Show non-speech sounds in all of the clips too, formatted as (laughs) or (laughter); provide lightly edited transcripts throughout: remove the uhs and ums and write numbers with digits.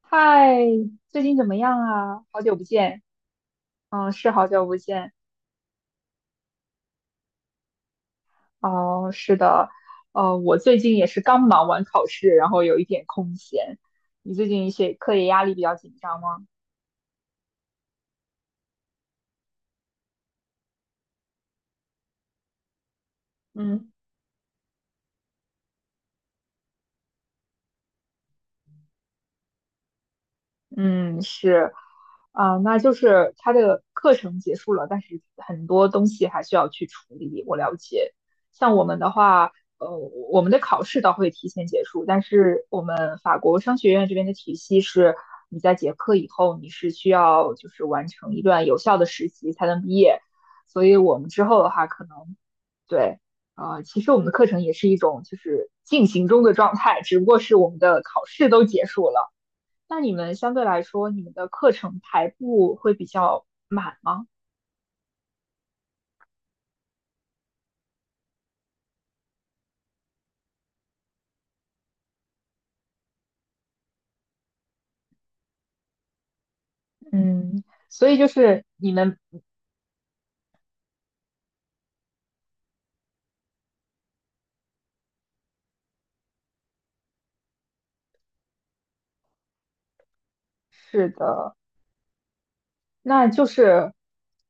嗨，最近怎么样啊？好久不见，嗯，是好久不见。哦，是的，我最近也是刚忙完考试，然后有一点空闲。你最近学课业压力比较紧张吗？嗯。嗯，是，啊、那就是他的课程结束了，但是很多东西还需要去处理。我了解，像我们的话，呃，我们的考试倒会提前结束，但是我们法国商学院这边的体系是，你在结课以后，你是需要就是完成一段有效的实习才能毕业，所以我们之后的话，可能对，其实我们的课程也是一种就是进行中的状态，只不过是我们的考试都结束了。那你们相对来说，你们的课程排布会比较满吗？嗯，所以就是你们是的。那就是，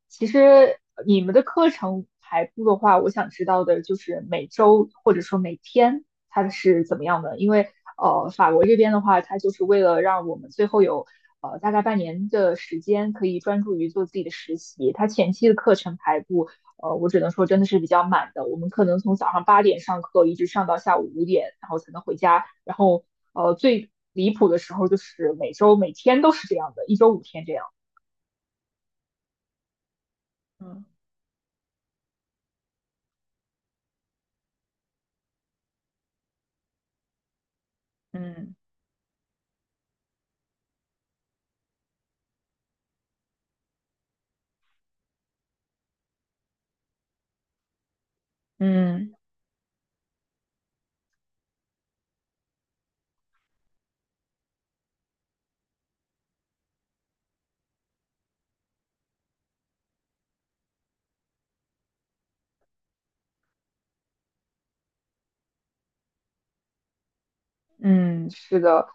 其实你们的课程排布的话，我想知道的就是每周或者说每天它是怎么样的，因为法国这边的话，它就是为了让我们最后有大概半年的时间可以专注于做自己的实习，它前期的课程排布，我只能说真的是比较满的，我们可能从早上八点上课一直上到下午五点，然后才能回家，然后最离谱的时候就是每周每天都是这样的，一周五天这样。嗯。嗯嗯嗯，是的，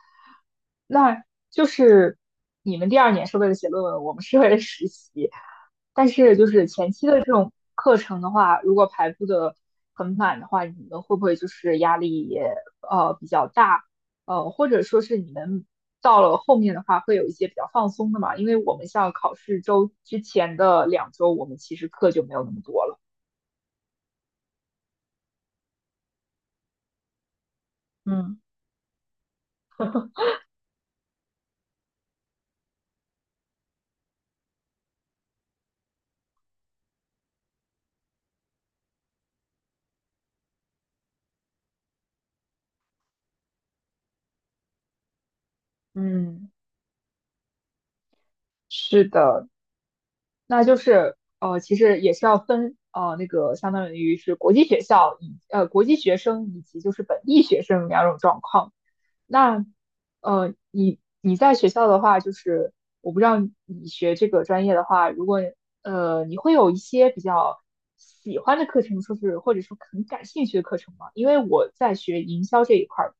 那就是你们第二年是为了写论文，我们是为了实习。但是就是课程的话，如果排布的很满的话，你们会不会就是压力也比较大？或者说是你们到了后面的话，会有一些比较放松的嘛？因为我们像考试周之前的两周，我们其实课就没有那么多了。嗯 (laughs) 嗯，是的，那就是其实也是要分那个相当于是国际学校以国际学生以及就是本地学生两种状况。那你你在学校的话，就是我不知道你学这个专业的话，如果你会有一些比较喜欢的课程，说是或者说很感兴趣的课程吗？因为我在学营销这一块儿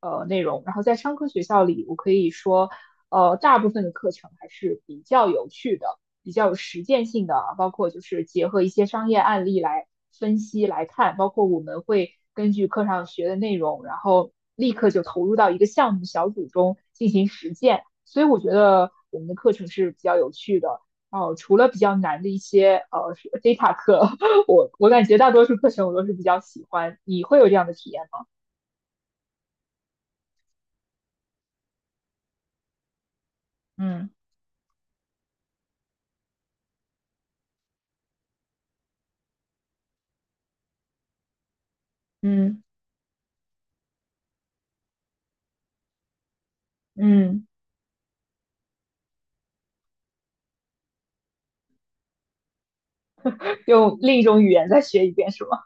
的内容，然后在商科学校里，我可以说大部分的课程还是比较有趣的。比较有实践性的啊包括就是结合一些商业案例来分析来看，包括我们会根据课上学的内容，然后立刻就投入到一个项目小组中进行实践。所以我觉得我们的课程是比较有趣的。哦，除了比较难的一些data 课，(laughs) 我感觉大多数课程我都是比较喜欢。你会有这样的体验吗？嗯嗯嗯。用另一种语言再学一遍是吗？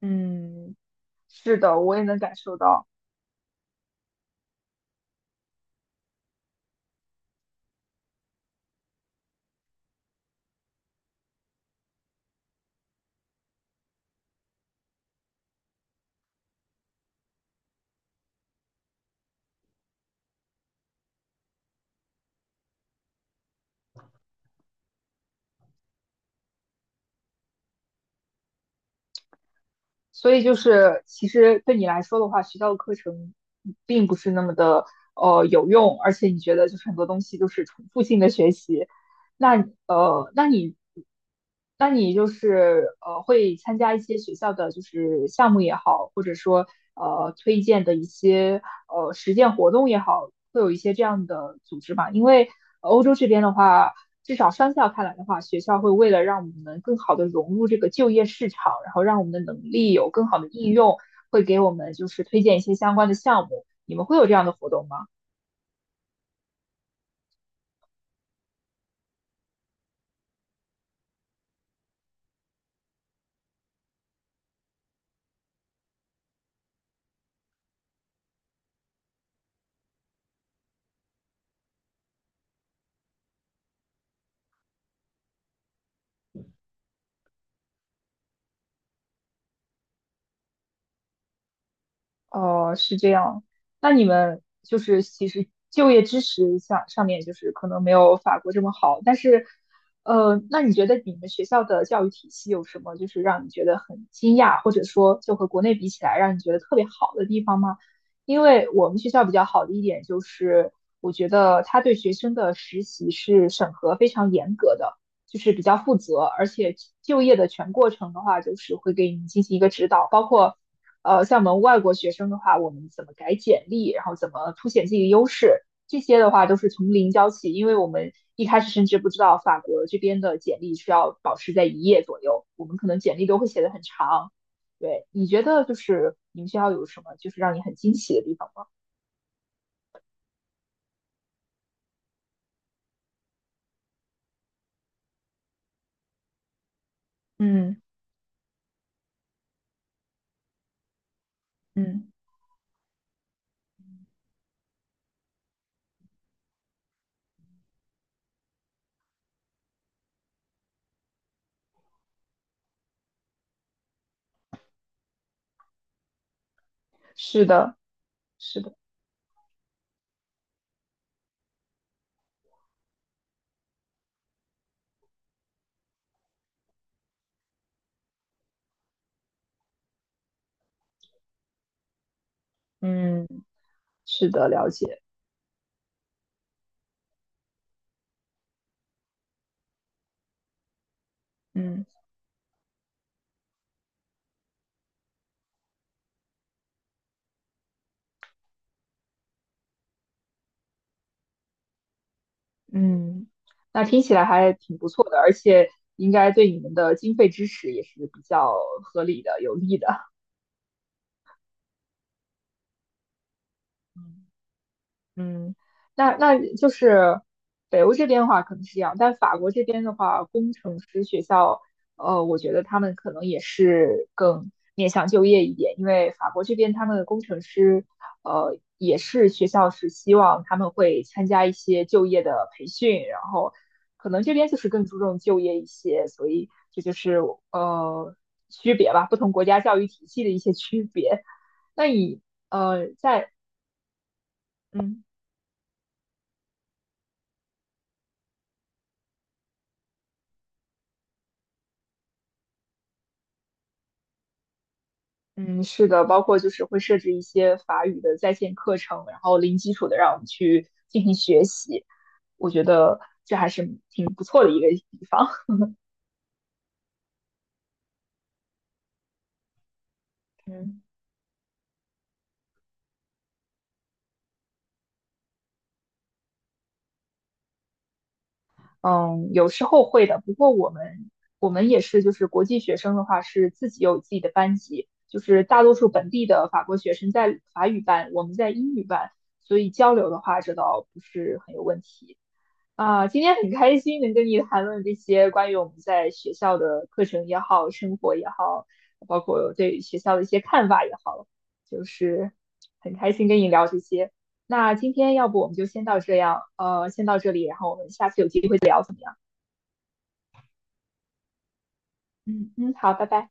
嗯，是的，我也能感受到。所以就是，其实对你来说的话，学校的课程并不是那么的有用，而且你觉得就是很多东西都是重复性的学习，那那你就是会参加一些学校的就是项目也好，或者说推荐的一些实践活动也好，会有一些这样的组织嘛？因为欧洲这边的话，至少商校看来的话，学校会为了让我们能更好的融入这个就业市场，然后让我们的能力有更好的应用，会给我们就是推荐一些相关的项目。你们会有这样的活动吗？哦，是这样。那你们就是其实就业支持上面就是可能没有法国这么好，但是，那你觉得你们学校的教育体系有什么就是让你觉得很惊讶，或者说就和国内比起来让你觉得特别好的地方吗？因为我们学校比较好的一点就是，我觉得他对学生的实习是审核非常严格的，就是比较负责，而且就业的全过程的话，就是会给你进行一个指导，包括。像我们外国学生的话，我们怎么改简历，然后怎么凸显自己的优势，这些的话都是从零教起，因为我们一开始甚至不知道法国这边的简历需要保持在一页左右，我们可能简历都会写得很长。对，你觉得就是你们学校有什么就是让你很惊喜的地方吗？嗯嗯，是的，是的，嗯是的，了解。嗯。嗯，那听起来还挺不错的，而且应该对你们的经费支持也是比较合理的、有利的。嗯，那那就是北欧这边的话可能是这样，但法国这边的话，工程师学校，我觉得他们可能也是更面向就业一点，因为法国这边他们的工程师，也是学校是希望他们会参加一些就业的培训，然后可能这边就是更注重就业一些，所以这就是呃区别吧，不同国家教育体系的一些区别。那你呃在嗯。嗯，是的，包括就是会设置一些法语的在线课程，然后零基础的让我们去进行学习，我觉得这还是挺不错的一个地方。(laughs) 嗯嗯有时候会的，不过我们我们也是，就是国际学生的话是自己有自己的班级，就是大多数本地的法国学生在法语班，我们在英语班，所以交流的话这倒不是很有问题。啊，今天很开心能跟你谈论这些关于我们在学校的课程也好，生活也好，包括对学校的一些看法也好，就是很开心跟你聊这些。那今天要不我们就先到这样，先到这里，然后我们下次有机会再聊，怎么样？嗯嗯，好，拜拜。